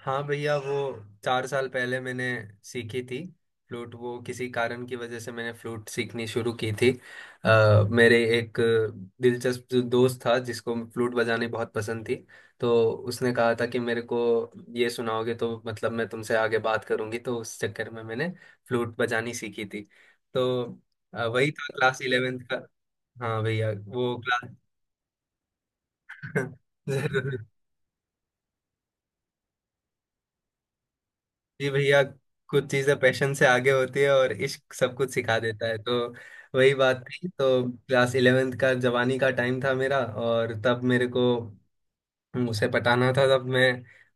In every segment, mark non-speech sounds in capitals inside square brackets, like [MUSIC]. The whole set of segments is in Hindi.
हाँ भैया वो 4 साल पहले मैंने सीखी थी फ्लूट। वो किसी कारण की वजह से मैंने फ्लूट सीखनी शुरू की थी। मेरे एक दिलचस्प जो दोस्त था जिसको फ्लूट बजानी बहुत पसंद थी। तो उसने कहा था कि मेरे को ये सुनाओगे तो मतलब मैं तुमसे आगे बात करूंगी, तो उस चक्कर में मैंने फ्लूट बजानी सीखी थी। तो वही था क्लास इलेवेंथ का। हाँ भैया वो क्लास [LAUGHS] जरूर। जी भैया, कुछ चीजें पैशन से आगे होती है और इश्क सब कुछ सिखा देता है। तो वही बात थी, तो क्लास इलेवेंथ का जवानी का टाइम था मेरा। और तब मेरे को उसे पटाना था, तब मैं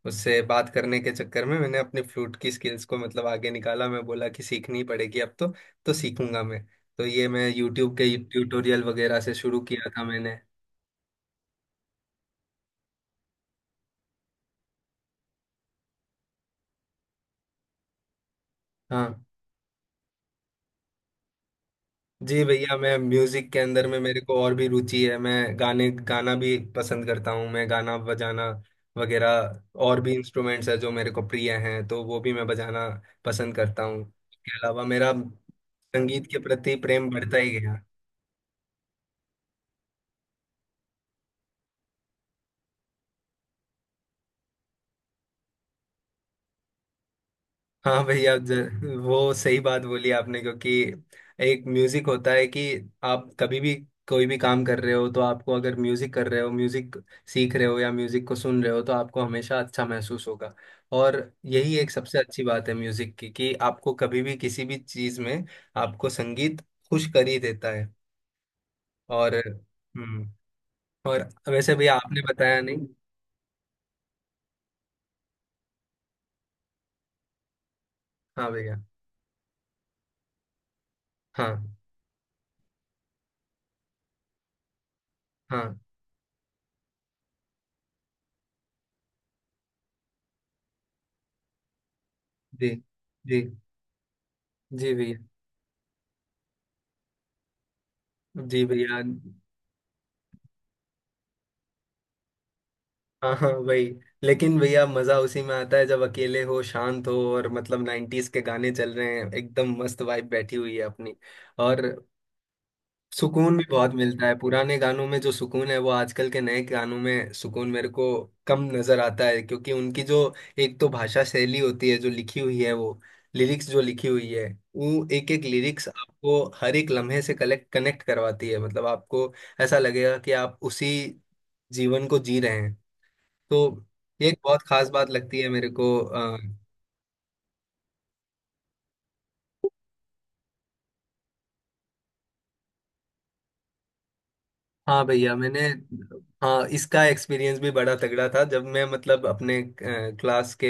उससे बात करने के चक्कर में मैंने अपने फ्लूट की स्किल्स को मतलब आगे निकाला। मैं बोला कि सीखनी पड़ेगी अब तो सीखूंगा मैं। तो ये मैं यूट्यूब के ट्यूटोरियल वगैरह से शुरू किया था मैंने। हाँ। जी भैया, मैं म्यूजिक के अंदर में मेरे को और भी रुचि है। मैं गाने गाना भी पसंद करता हूँ। मैं गाना बजाना वगैरह और भी इंस्ट्रूमेंट्स है जो मेरे को प्रिय हैं, तो वो भी मैं बजाना पसंद करता हूँ। इसके अलावा मेरा संगीत के प्रति प्रेम बढ़ता ही गया। हाँ भैया, वो सही बात बोली आपने। क्योंकि एक म्यूजिक होता है कि आप कभी भी कोई भी काम कर रहे हो तो आपको, अगर म्यूजिक कर रहे हो, म्यूजिक सीख रहे हो या म्यूजिक को सुन रहे हो, तो आपको हमेशा अच्छा महसूस होगा। और यही एक सबसे अच्छी बात है म्यूजिक की कि आपको कभी भी किसी भी चीज में, आपको संगीत खुश कर ही देता है। और हम्म। और वैसे भैया आपने बताया नहीं। हाँ भैया। हाँ हाँ। जी। जी। जी भैया। जी भैया। हाँ हाँ, वही। लेकिन भैया मजा उसी में आता है जब अकेले हो, शांत हो, और मतलब नाइन्टीज के गाने चल रहे हैं, एकदम मस्त वाइब बैठी हुई है अपनी। और सुकून भी बहुत मिलता है, पुराने गानों में जो सुकून है वो आजकल के नए गानों में सुकून मेरे को कम नजर आता है। क्योंकि उनकी जो एक तो भाषा शैली होती है जो लिखी हुई है, वो लिरिक्स जो लिखी हुई है, वो एक एक लिरिक्स आपको हर एक लम्हे से कलेक्ट कनेक्ट करवाती है। मतलब आपको ऐसा लगेगा कि आप उसी जीवन को जी रहे हैं। तो ये एक बहुत खास बात लगती है मेरे को हाँ भैया मैंने। हाँ, इसका एक्सपीरियंस भी बड़ा तगड़ा था जब मैं मतलब अपने क्लास के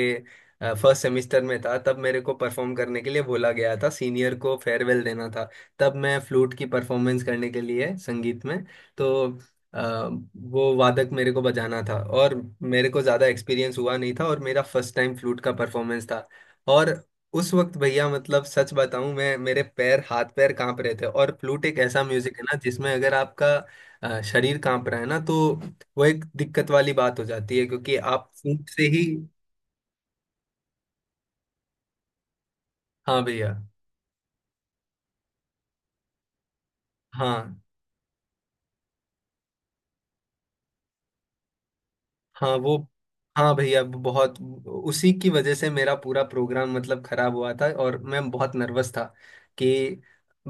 फर्स्ट सेमेस्टर में था। तब मेरे को परफॉर्म करने के लिए बोला गया था, सीनियर को फेयरवेल देना था। तब मैं फ्लूट की परफॉर्मेंस करने के लिए संगीत में, तो अ, वो वादक मेरे को बजाना था। और मेरे को ज़्यादा एक्सपीरियंस हुआ नहीं था, और मेरा फर्स्ट टाइम फ्लूट का परफॉर्मेंस था। और उस वक्त भैया मतलब सच बताऊं, मैं, मेरे पैर हाथ पैर कांप रहे थे। और फ्लूट एक ऐसा म्यूजिक है ना जिसमें अगर आपका शरीर कांप रहा है ना, तो वो एक दिक्कत वाली बात हो जाती है क्योंकि आप फूंक से ही। हाँ भैया। हाँ हाँ वो। हाँ भैया, वो बहुत, उसी की वजह से मेरा पूरा प्रोग्राम मतलब खराब हुआ था। और मैं बहुत नर्वस था कि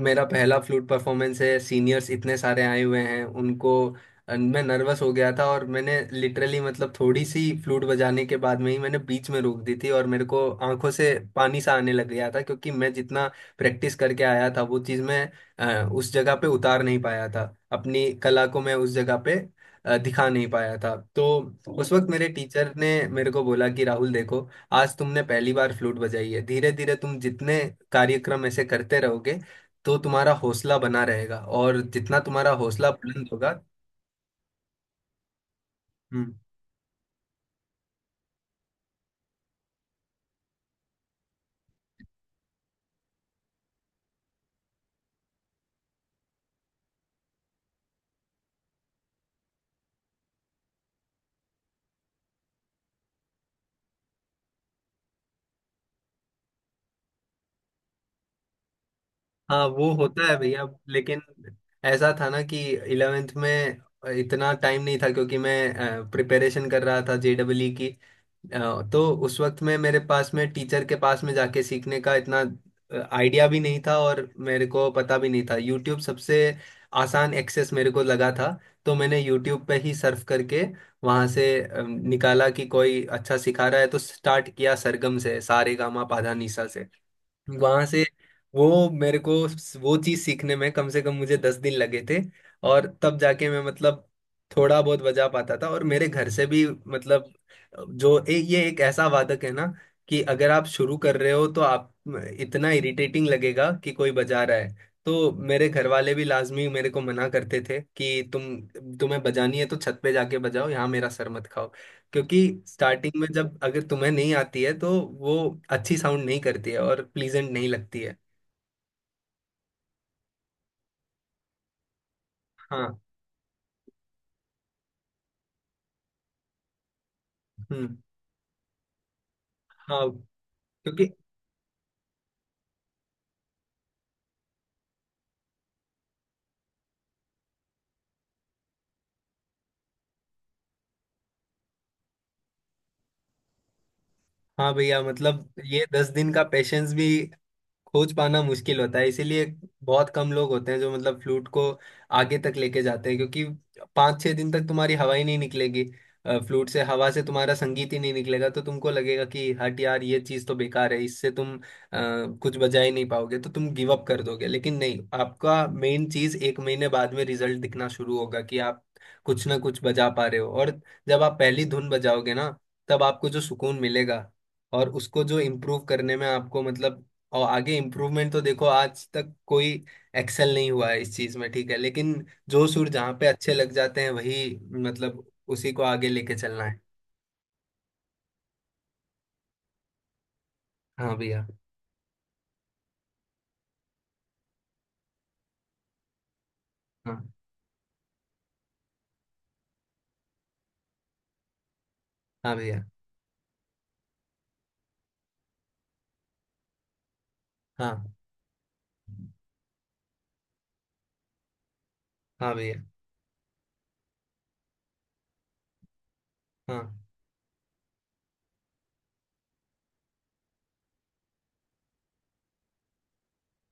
मेरा पहला फ्लूट परफॉर्मेंस है, सीनियर्स इतने सारे आए हुए हैं उनको। मैं नर्वस हो गया था, और मैंने लिटरली मतलब थोड़ी सी फ्लूट बजाने के बाद में ही मैंने बीच में रोक दी थी। और मेरे को आंखों से पानी सा आने लग गया था क्योंकि मैं जितना प्रैक्टिस करके आया था वो चीज़ मैं उस जगह पे उतार नहीं पाया था। अपनी कला को मैं उस जगह पे दिखा नहीं पाया था। तो उस वक्त मेरे टीचर ने मेरे को बोला कि राहुल देखो, आज तुमने पहली बार फ्लूट बजाई है, धीरे धीरे तुम जितने कार्यक्रम ऐसे करते रहोगे तो तुम्हारा हौसला बना रहेगा, और जितना तुम्हारा हौसला बुलंद होगा। हम्म। हाँ, वो होता है भैया। लेकिन ऐसा था ना कि इलेवेंथ में इतना टाइम नहीं था क्योंकि मैं प्रिपरेशन कर रहा था जेडब्ल्यू की। तो उस वक्त में मेरे पास में टीचर के पास में जाके सीखने का इतना आइडिया भी नहीं था। और मेरे को पता भी नहीं था, यूट्यूब सबसे आसान एक्सेस मेरे को लगा था। तो मैंने यूट्यूब पे ही सर्फ करके वहाँ से निकाला कि कोई अच्छा सिखा रहा है, तो स्टार्ट किया सरगम से सारेगामा पाधानीसा। वहां से वो मेरे को, वो चीज सीखने में कम से कम मुझे 10 दिन लगे थे। और तब जाके मैं मतलब थोड़ा बहुत बजा पाता था। और मेरे घर से भी मतलब, जो ये एक ऐसा वादक है ना कि अगर आप शुरू कर रहे हो तो आप, इतना इरिटेटिंग लगेगा कि कोई बजा रहा है। तो मेरे घर वाले भी लाजमी मेरे को मना करते थे कि तुम, तुम्हें बजानी है तो छत पे जाके बजाओ, यहाँ मेरा सर मत खाओ। क्योंकि स्टार्टिंग में जब अगर तुम्हें नहीं आती है तो वो अच्छी साउंड नहीं करती है, और प्लीजेंट नहीं लगती है। हाँ। हम्म। हाँ, क्योंकि हाँ भैया मतलब ये 10 दिन का पेशेंस भी खोज पाना मुश्किल होता है। इसीलिए बहुत कम लोग होते हैं जो मतलब फ्लूट को आगे तक लेके जाते हैं। क्योंकि 5-6 दिन तक तुम्हारी हवा ही नहीं निकलेगी, फ्लूट से हवा से तुम्हारा संगीत ही नहीं निकलेगा। तो तुमको लगेगा कि हट यार ये चीज़ तो बेकार है, इससे तुम कुछ बजा ही नहीं पाओगे, तो तुम गिव अप कर दोगे। लेकिन नहीं, आपका मेन चीज़ एक महीने बाद में रिजल्ट दिखना शुरू होगा कि आप कुछ ना कुछ बजा पा रहे हो। और जब आप पहली धुन बजाओगे ना, तब आपको जो सुकून मिलेगा और उसको जो इम्प्रूव करने में आपको मतलब और आगे इम्प्रूवमेंट, तो देखो आज तक कोई एक्सेल नहीं हुआ है इस चीज में, ठीक है। लेकिन जो सुर जहाँ पे अच्छे लग जाते हैं, वही मतलब उसी को आगे लेके चलना है। हाँ भैया। हाँ हाँ भैया। हाँ हाँ भैया। हाँ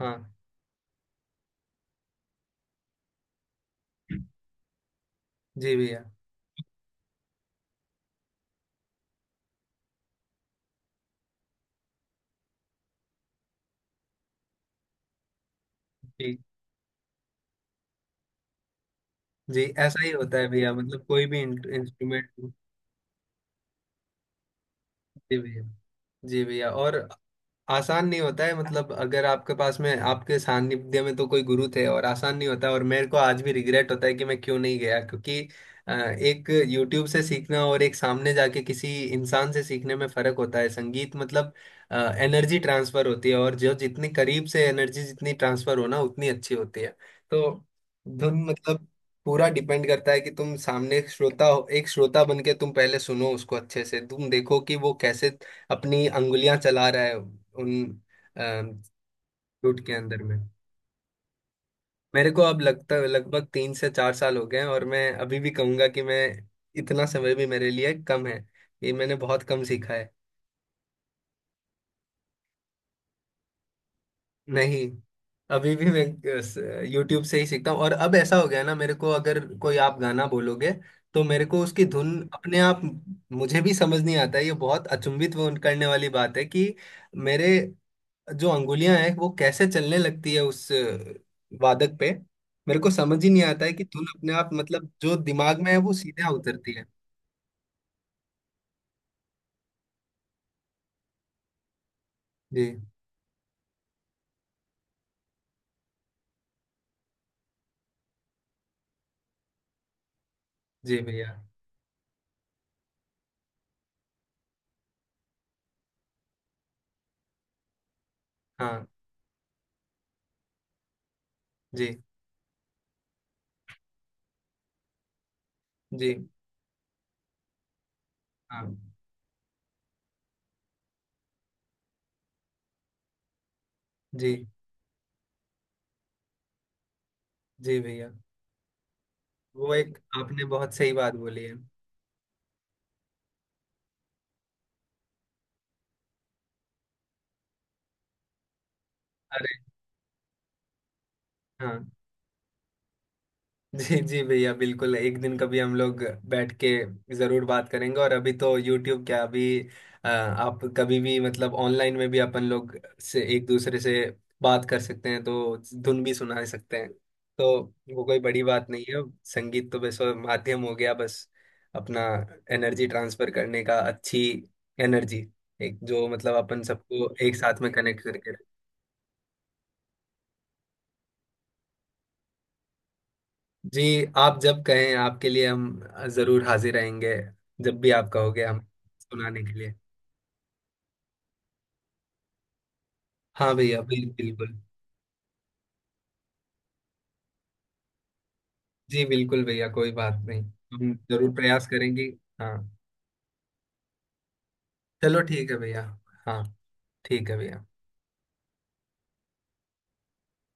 हाँ जी भैया। जी। जी, ऐसा ही होता है भैया मतलब कोई भी इंस्ट्रूमेंट। जी भैया। जी भैया, और आसान नहीं होता है। मतलब अगर आपके पास में आपके सानिध्य में तो कोई गुरु थे, और आसान नहीं होता। और मेरे को आज भी रिग्रेट होता है कि मैं क्यों नहीं गया। क्योंकि एक यूट्यूब से सीखना और एक सामने जाके किसी इंसान से सीखने में फर्क होता है। संगीत मतलब एनर्जी ट्रांसफर होती है। और जो जितनी करीब से एनर्जी जितनी ट्रांसफर हो ना उतनी अच्छी होती है। तो धुन मतलब पूरा डिपेंड करता है कि तुम सामने एक श्रोता हो, एक श्रोता बन के तुम पहले सुनो उसको अच्छे से, तुम देखो कि वो कैसे अपनी अंगुलियां चला रहा है उन फ्रूट के अंदर में। मेरे को अब लगता लगभग 3 से 4 साल हो गए हैं, और मैं अभी भी कहूंगा कि मैं, इतना समय भी मेरे लिए कम है। ये मैंने बहुत कम सीखा है। नहीं, अभी भी मैं यूट्यूब से ही सीखता हूँ। और अब ऐसा हो गया ना, मेरे को अगर कोई आप गाना बोलोगे तो मेरे को उसकी धुन अपने आप, मुझे भी समझ नहीं आता है। ये बहुत अचंभित वो करने वाली बात है कि मेरे जो अंगुलियां हैं वो कैसे चलने लगती है उस वादक पे, मेरे को समझ ही नहीं आता है कि धुन अपने आप मतलब जो दिमाग में है वो सीधा उतरती है। जी। जी भैया। हाँ। जी। जी। हाँ। जी। जी भैया, वो एक आपने बहुत सही बात बोली है। अरे। हाँ। जी जी भैया, बिल्कुल, एक दिन कभी हम लोग बैठ के जरूर बात करेंगे। और अभी तो यूट्यूब क्या, अभी आप कभी भी मतलब ऑनलाइन में भी अपन लोग से, एक दूसरे से बात कर सकते हैं, तो धुन भी सुना सकते हैं। तो वो कोई बड़ी बात नहीं है। संगीत तो बस वो माध्यम हो गया, बस अपना एनर्जी ट्रांसफर करने का, अच्छी एनर्जी, एक जो मतलब अपन सबको एक साथ में कनेक्ट करके। जी, आप जब कहें आपके लिए हम जरूर हाजिर रहेंगे। जब भी आप कहोगे हम सुनाने के लिए। हाँ भैया बिल्कुल। जी बिल्कुल भैया, कोई बात नहीं। हम जरूर प्रयास करेंगे। हाँ चलो ठीक है भैया। हाँ ठीक है भैया।